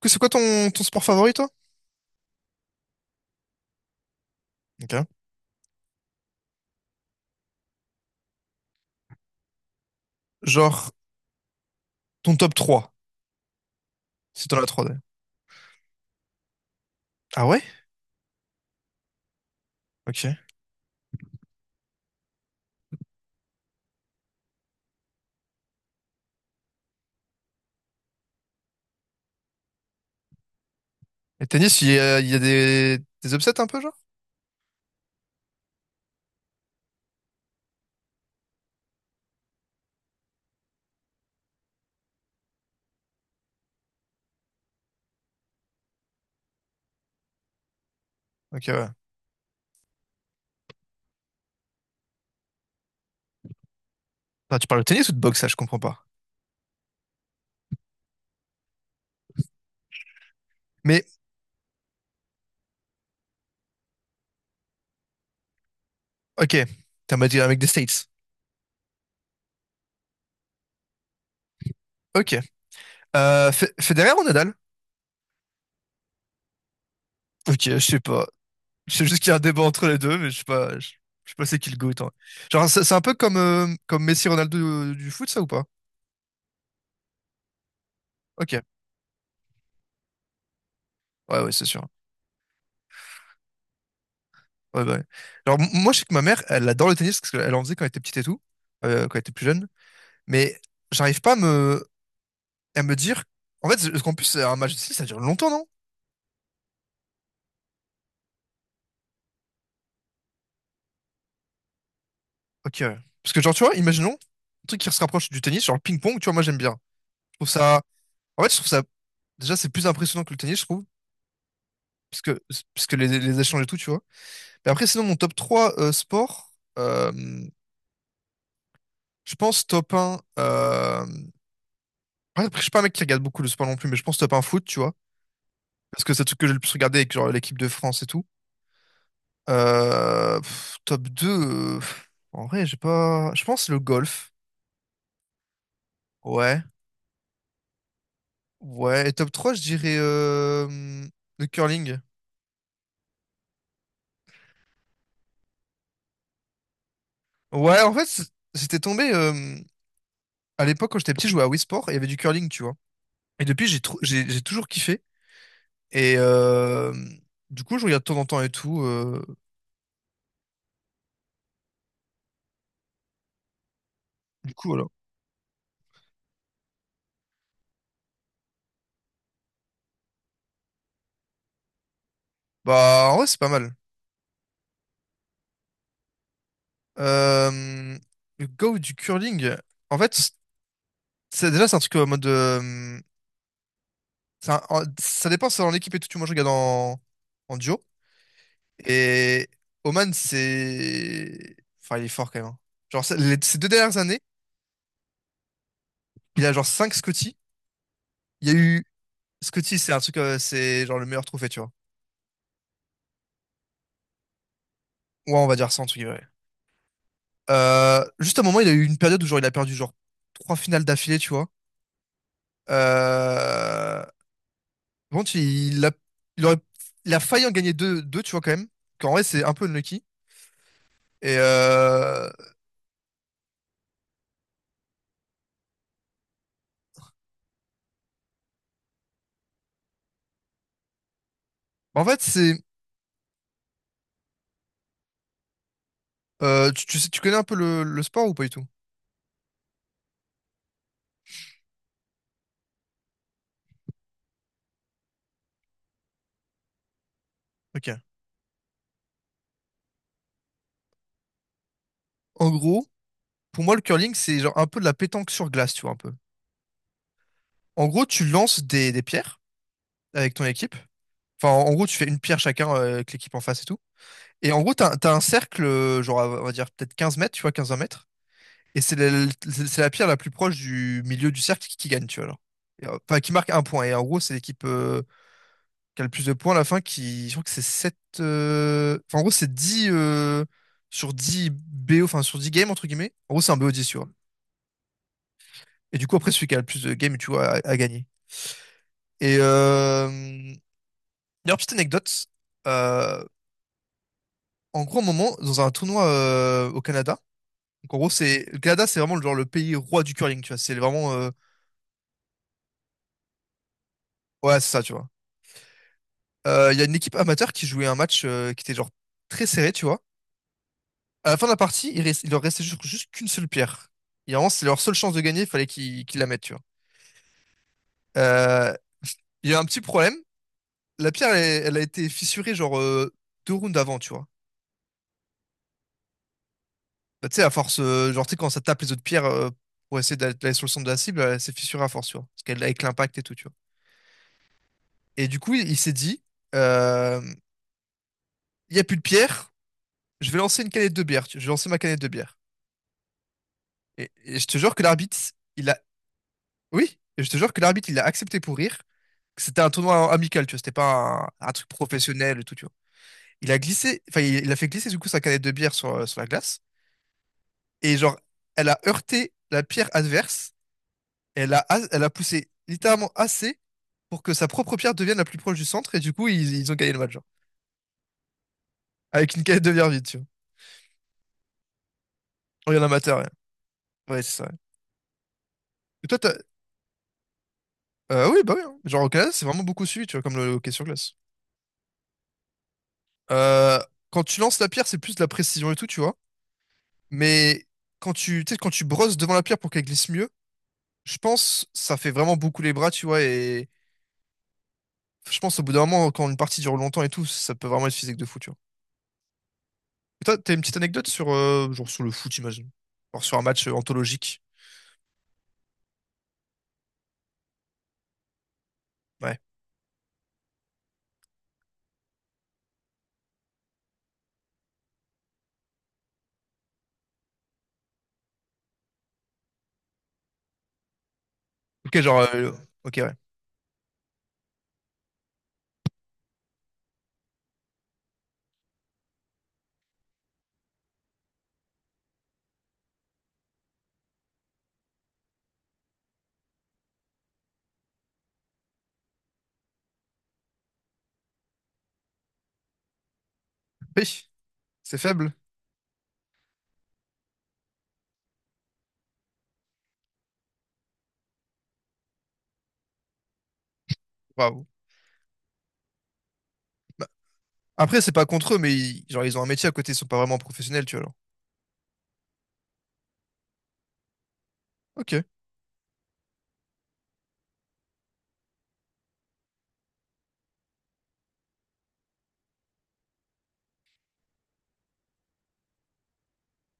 C'est quoi ton sport favori, toi? Ok. Genre, ton top trois si t'en as 3 d'ailleurs. Ah ouais? Ok. Et tennis, il y a des upsets un peu, genre? Ok, ouais. Attends, tu parles de tennis ou de boxe, ça, je comprends pas. Mais, ok. T'as m'a un mec des States. Ok. Federer ou Nadal? Ok, je sais pas. Je sais juste qu'il y a un débat entre les deux, mais je sais pas, je sais pas c'est qui le goût. Genre, c'est un peu comme, comme Messi Ronaldo du foot, ça ou pas? Ok. Ouais, ouais, c'est sûr. Ouais, bah ouais. Genre, moi, je sais que ma mère, elle adore le tennis parce qu'elle en faisait quand elle était petite et tout, quand elle était plus jeune, mais j'arrive pas à me dire. En fait, parce qu'en plus, un match de tennis, ça dure longtemps, non? Ok, ouais. Parce que, genre, tu vois, imaginons, un truc qui se rapproche du tennis, genre le ping-pong, tu vois, moi, j'aime bien. Je trouve ça. En fait, je trouve ça. Déjà, c'est plus impressionnant que le tennis, je trouve, parce que parce que les échanges et tout, tu vois. Et après, sinon, mon top trois, sport, euh, je pense top un. Ouais, après, je suis pas un mec qui regarde beaucoup le sport non plus, mais je pense top un foot, tu vois. Parce que c'est le truc que j'ai le plus regardé avec genre l'équipe de France et tout. Pff, top deux, pff, en vrai, j'ai pas. Je pense le golf. Ouais. Ouais. Et top 3 je dirais, le curling. Ouais, en fait, j'étais tombé, à l'époque, quand j'étais petit, je jouais à Wii Sport et il y avait du curling, tu vois. Et depuis, j'ai trou- j'ai toujours kiffé. Et du coup, je regarde de temps en temps et tout, du coup, voilà. Bah, en vrai, c'est pas mal. Euh, le go du curling, en fait, c'est déjà, c'est un truc en mode, ça dépend, c'est en équipe et tout, tu vois. Moi, je regarde en duo. Et Oman, c'est. Enfin, il est fort quand même, hein. Genre, ces deux dernières années, il a genre 5 Scotty. Il y a eu. Scotty, c'est un truc, c'est genre le meilleur trophée, tu vois. Ouais, on va dire ça, en tout cas. Juste à un moment, il a eu une période où genre, il a perdu genre trois finales d'affilée, tu vois. Euh, bon, il aurait, il a failli en gagner deux, deux, tu vois, quand même. Qu'en vrai, c'est un peu unlucky. Et en fait, c'est, tu sais, tu connais un peu le sport ou pas du tout? Ok. En gros, pour moi, le curling, c'est genre un peu de la pétanque sur glace, tu vois, un peu. En gros, tu lances des pierres avec ton équipe. Enfin, en gros, tu fais une pierre chacun, avec l'équipe en face et tout. Et en gros, t'as un cercle, genre, on va dire peut-être 15 mètres, tu vois, 15 20 mètres. Et c'est la pierre la plus proche du milieu du cercle qui gagne, tu vois. Alors. Enfin, qui marque un point. Et en gros, c'est l'équipe qui a le plus de points à la fin qui. Je crois que c'est 7. Enfin, en gros, c'est 10, sur 10 BO, enfin sur 10 games, entre guillemets. En gros, c'est un BO 10 sur. Et du coup, après, celui qui a le plus de games, tu vois, a gagné. Et euh... D'ailleurs, petite anecdote. euh, En gros, un moment, dans un tournoi, au Canada, donc en gros, c'est. Le Canada, c'est vraiment le, genre, le pays roi du curling, tu vois. C'est vraiment. Ouais, c'est ça, tu vois. Il y a une équipe amateur qui jouait un match, qui était genre très serré, tu vois. À la fin de la partie, il leur restait juste qu'une seule pierre. Et vraiment, c'est leur seule chance de gagner, il fallait qu'ils la mettent, tu vois. Euh, Il y a un petit problème. La pierre, elle a été fissurée genre, deux rounds avant, tu vois. Bah, tu sais, à force, genre, tu sais, quand ça tape les autres pierres, pour essayer d'aller sur le centre de la cible, elle s'est fissurée à force, tu vois. Parce qu'elle avec l'impact et tout, tu vois. Et du coup, il s'est dit, euh, il y a plus de pierre, je vais lancer une canette de bière, je vais lancer ma canette de bière. Et je te jure que l'arbitre, il... Oui, et je te jure que l'arbitre, il a accepté pour rire. Que c'était un tournoi amical, tu vois, c'était pas un truc professionnel et tout, tu vois. Il a glissé, enfin, il a fait glisser du coup sa canette de bière sur la glace. Et genre, elle a heurté la pierre adverse. Elle a poussé littéralement assez pour que sa propre pierre devienne la plus proche du centre. Et du coup, ils ont gagné le match, genre. Avec une canette de bière vide, tu vois. Oh, il y en a amateur, ouais. Ouais, c'est ça, ouais. Et toi, oui, bah oui, hein. Genre, au Canada, c'est vraiment beaucoup suivi, tu vois, comme le hockey sur glace. Euh, Quand tu lances la pierre, c'est plus de la précision et tout, tu vois. Mais tu sais, quand tu brosses devant la pierre pour qu'elle glisse mieux, je pense ça fait vraiment beaucoup les bras, tu vois. Et je pense au bout d'un moment, quand une partie dure longtemps et tout, ça peut vraiment être physique de fou, tu vois. Et toi, t'as une petite anecdote sur, genre sur le foot, imagine. Genre sur un match, anthologique. Ouais. Ok, genre, ok, ouais. Oui, c'est faible. Bravo. Après, c'est pas contre eux, mais ils, genre, ils ont un métier à côté, ils sont pas vraiment professionnels, tu vois, alors. Ok.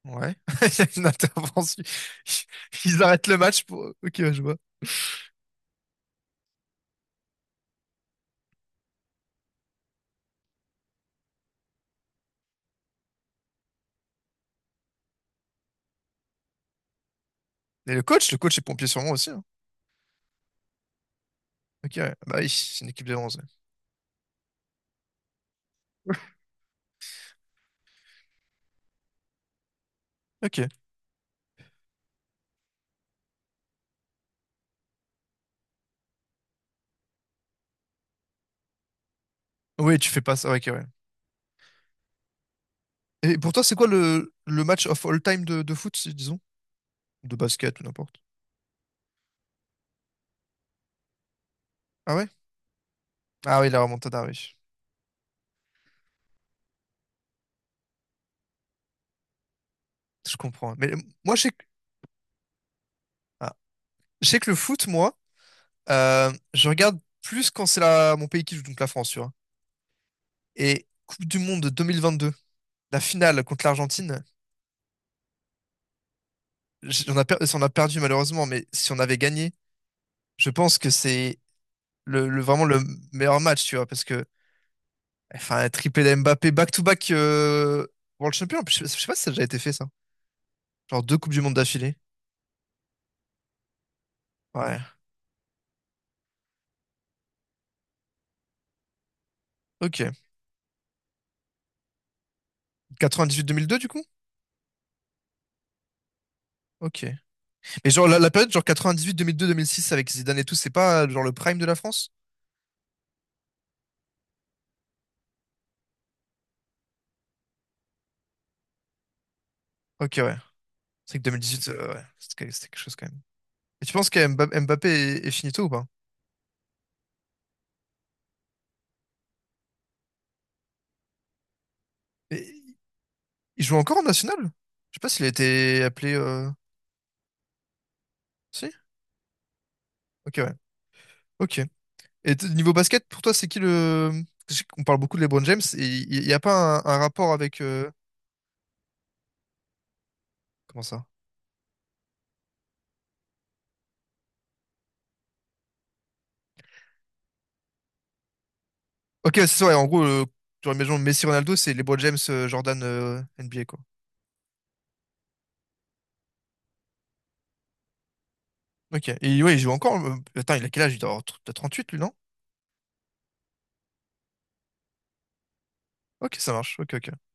Ouais. Il y a une intervention. Ils arrêtent le match pour. Ok, ouais, je vois. Et le coach est pompier sûrement aussi, hein. Ok, ouais, bah oui, c'est une équipe de 11, ouais. Ok. Oui, tu fais pas ça. Ouais, ok, ouais. Et pour toi, c'est quoi le match of all time de foot, disons? De basket ou n'importe. Ah ouais? Ah oui, la remontada, oui. Je comprends, ouais. Mais moi, je sais que, ah. Je sais que le foot, moi, je regarde plus quand c'est la... mon pays qui joue, donc la France, tu vois. Et Coupe du Monde 2022, la finale contre l'Argentine, on a perdu malheureusement, mais si on avait gagné, je pense que c'est vraiment le meilleur match, tu vois, parce que. Enfin, un triplé de Mbappé back-to-back, World Champion. Je sais pas si ça a déjà été fait, ça. Genre deux Coupes du Monde d'affilée. Ouais. Ok. 98-2002, du coup? Ok. Mais genre, la période, genre 98-2002-2006 avec Zidane et tout, c'est pas, genre le prime de la France? Ok, ouais. C'est que 2018, ouais. C'était quelque chose quand même. Et tu penses que Mbappé est finito ou pas? Et il joue encore en national? Je sais pas s'il a été appelé, si? Ok, ouais. Ok. Et niveau basket, pour toi, c'est qui le... Je sais qu'on parle beaucoup de LeBron James, et il n'y a pas un rapport avec... comment ça? Ok, c'est ça, ouais, en gros, genre, imaginons Messi-Ronaldo, c'est LeBron James, Jordan, NBA, quoi. Ok, et ouais, il joue encore, attends, il a quel âge? Il doit avoir t'as 38, lui, non? Ok, ça marche, ok, ok.